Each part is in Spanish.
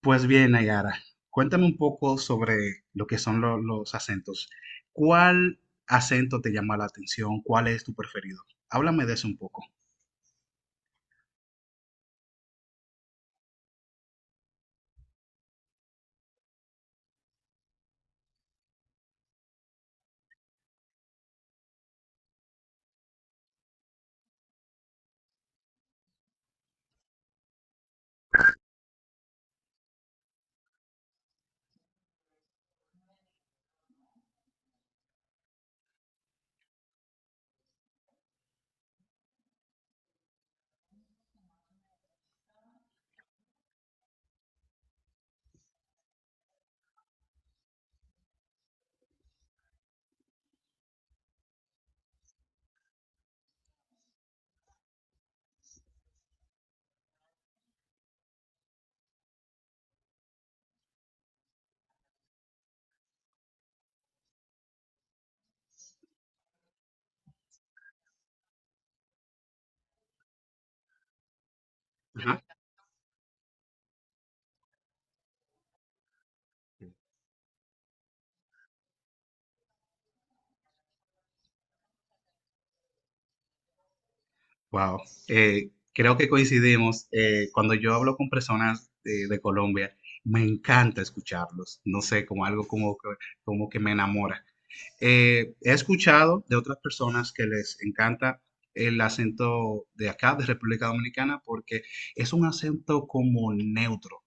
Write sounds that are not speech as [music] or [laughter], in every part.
Pues bien, Nayara, cuéntame un poco sobre lo que son lo- los acentos. ¿Cuál acento te llama la atención? ¿Cuál es tu preferido? Háblame de eso un poco. Ajá. Wow, creo que coincidimos. Cuando yo hablo con personas de Colombia, me encanta escucharlos. No sé, como que me enamora. He escuchado de otras personas que les encanta el acento de acá, de República Dominicana, porque es un acento como neutro.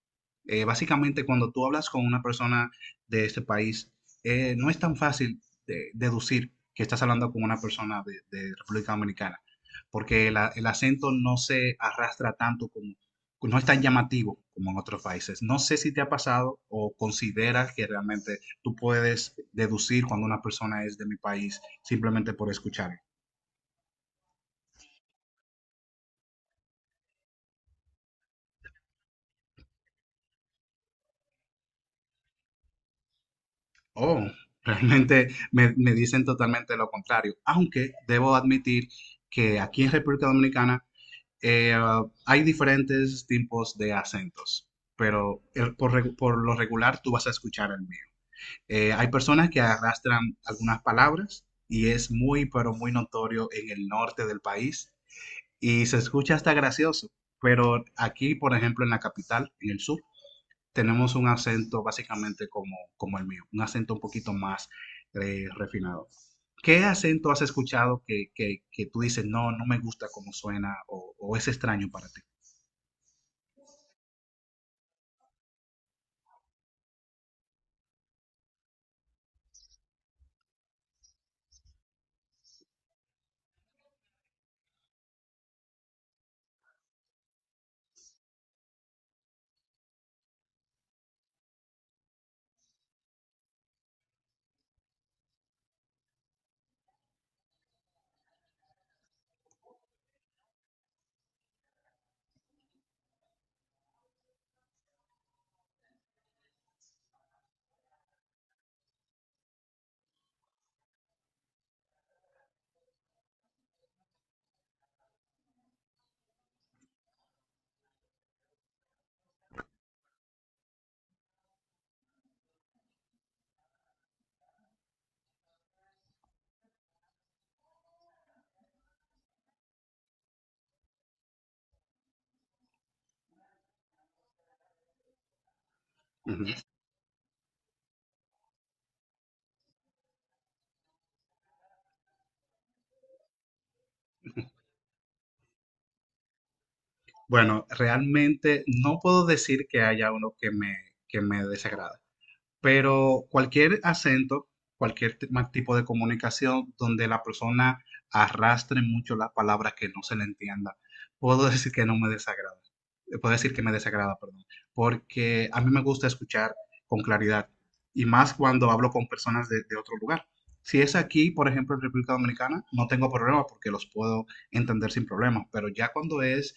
Básicamente, cuando tú hablas con una persona de este país, no es tan fácil deducir que estás hablando con una persona de República Dominicana, porque el acento no se arrastra tanto como, no es tan llamativo como en otros países. No sé si te ha pasado o consideras que realmente tú puedes deducir cuando una persona es de mi país simplemente por escuchar. Oh, [laughs] realmente me dicen totalmente lo contrario, aunque debo admitir que aquí en República Dominicana eh, hay diferentes tipos de acentos, pero por lo regular tú vas a escuchar el mío. Hay personas que arrastran algunas palabras y es muy, pero muy notorio en el norte del país y se escucha hasta gracioso, pero aquí, por ejemplo, en la capital, en el sur, tenemos un acento básicamente como el mío, un acento un poquito más refinado. ¿Qué acento has escuchado que, tú dices, no, no me gusta cómo suena, o es extraño para ti? Uh -huh. Bueno, realmente no puedo decir que haya uno que me desagrade. Pero cualquier acento, cualquier tipo de comunicación donde la persona arrastre mucho las palabras que no se le entienda, puedo [laughs] decir que no me desagrada. Puedo decir que me desagrada, perdón. Porque a mí me gusta escuchar con claridad y más cuando hablo con personas de otro lugar. Si es aquí, por ejemplo, en República Dominicana, no tengo problema porque los puedo entender sin problemas, pero ya cuando es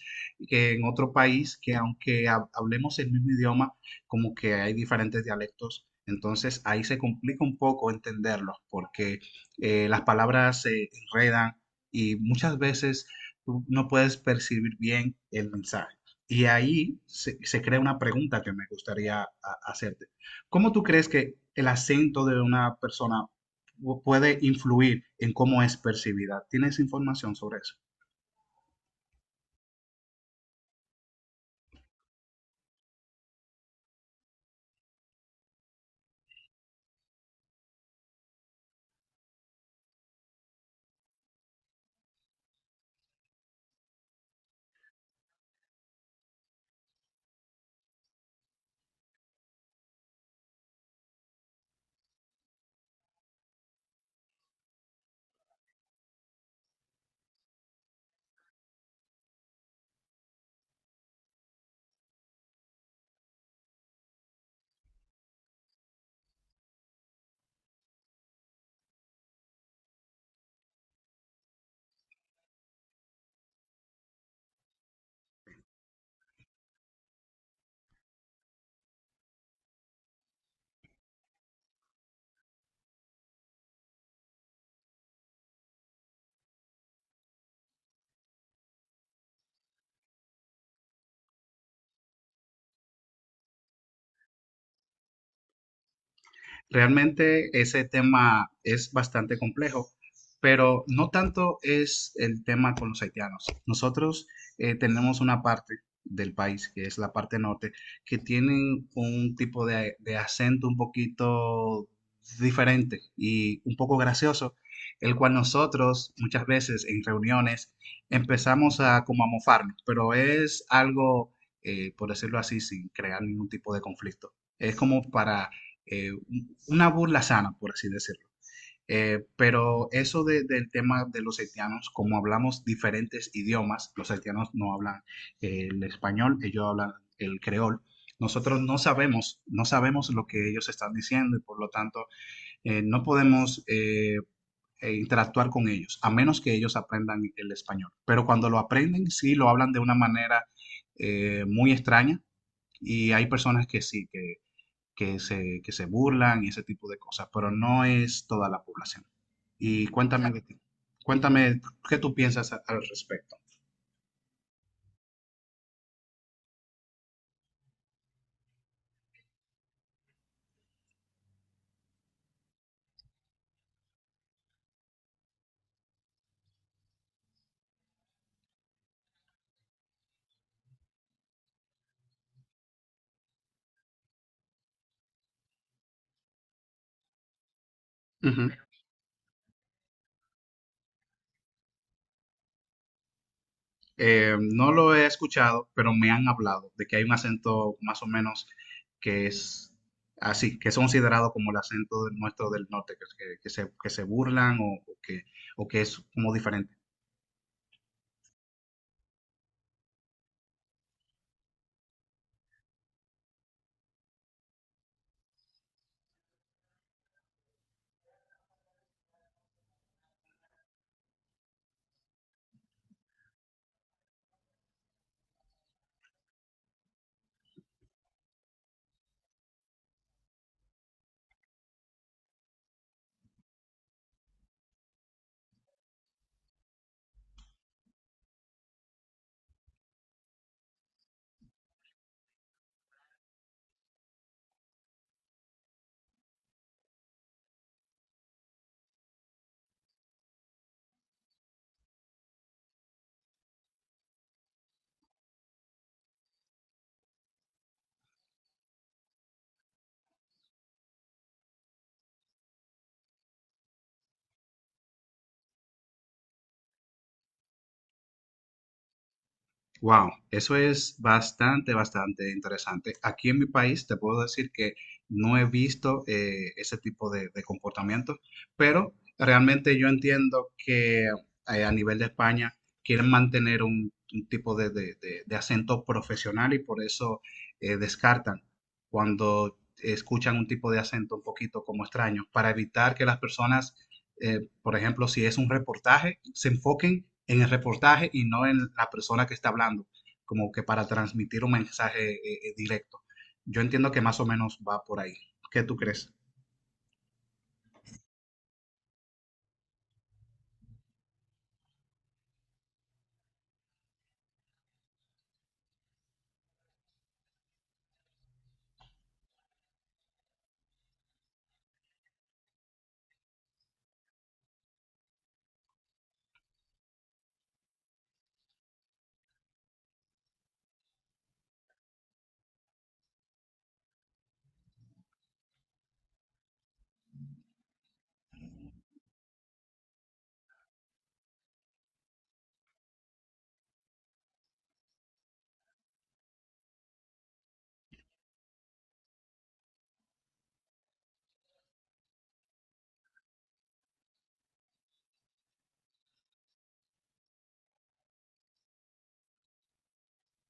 que en otro país, que aunque hablemos el mismo idioma, como que hay diferentes dialectos, entonces ahí se complica un poco entenderlos porque las palabras se enredan y muchas veces tú no puedes percibir bien el mensaje. Y ahí se crea una pregunta que me gustaría hacerte. ¿Cómo tú crees que el acento de una persona puede influir en cómo es percibida? ¿Tienes información sobre eso? Realmente ese tema es bastante complejo, pero no tanto es el tema con los haitianos. Nosotros tenemos una parte del país, que es la parte norte, que tienen un tipo de acento un poquito diferente y un poco gracioso, el cual nosotros muchas veces en reuniones empezamos a mofarnos, pero es algo, por decirlo así, sin crear ningún tipo de conflicto. Es como para eh, una burla sana, por así decirlo. Pero eso del tema de los haitianos, como hablamos diferentes idiomas, los haitianos no hablan el español, ellos hablan el creol. Nosotros no sabemos, no sabemos lo que ellos están diciendo y por lo tanto no podemos interactuar con ellos, a menos que ellos aprendan el español. Pero cuando lo aprenden, sí lo hablan de una manera muy extraña y hay personas que sí, que se burlan y ese tipo de cosas, pero no es toda la población. Y cuéntame de Exacto. ti. Cuéntame qué tú piensas al respecto. Ujú. No lo he escuchado, pero me han hablado de que hay un acento más o menos que es así, que es considerado como el acento nuestro del norte, que, que se burlan, o que es como diferente. Wow, eso es bastante, bastante interesante. Aquí en mi país te puedo decir que no he visto ese tipo de comportamiento, pero realmente yo entiendo que a nivel de España quieren mantener un tipo de acento profesional y por eso descartan cuando escuchan un tipo de acento un poquito como extraño, para evitar que las personas, por ejemplo, si es un reportaje, se enfoquen en el reportaje y no en la persona que está hablando, como que para transmitir un mensaje directo. Yo entiendo que más o menos va por ahí. ¿Qué tú crees?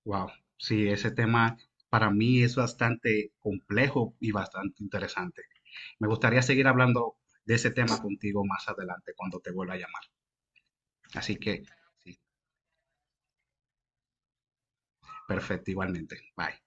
Wow, sí, ese tema para mí es bastante complejo y bastante interesante. Me gustaría seguir hablando de ese tema contigo más adelante cuando te vuelva a llamar. Así que, sí, perfecto, igualmente. Bye.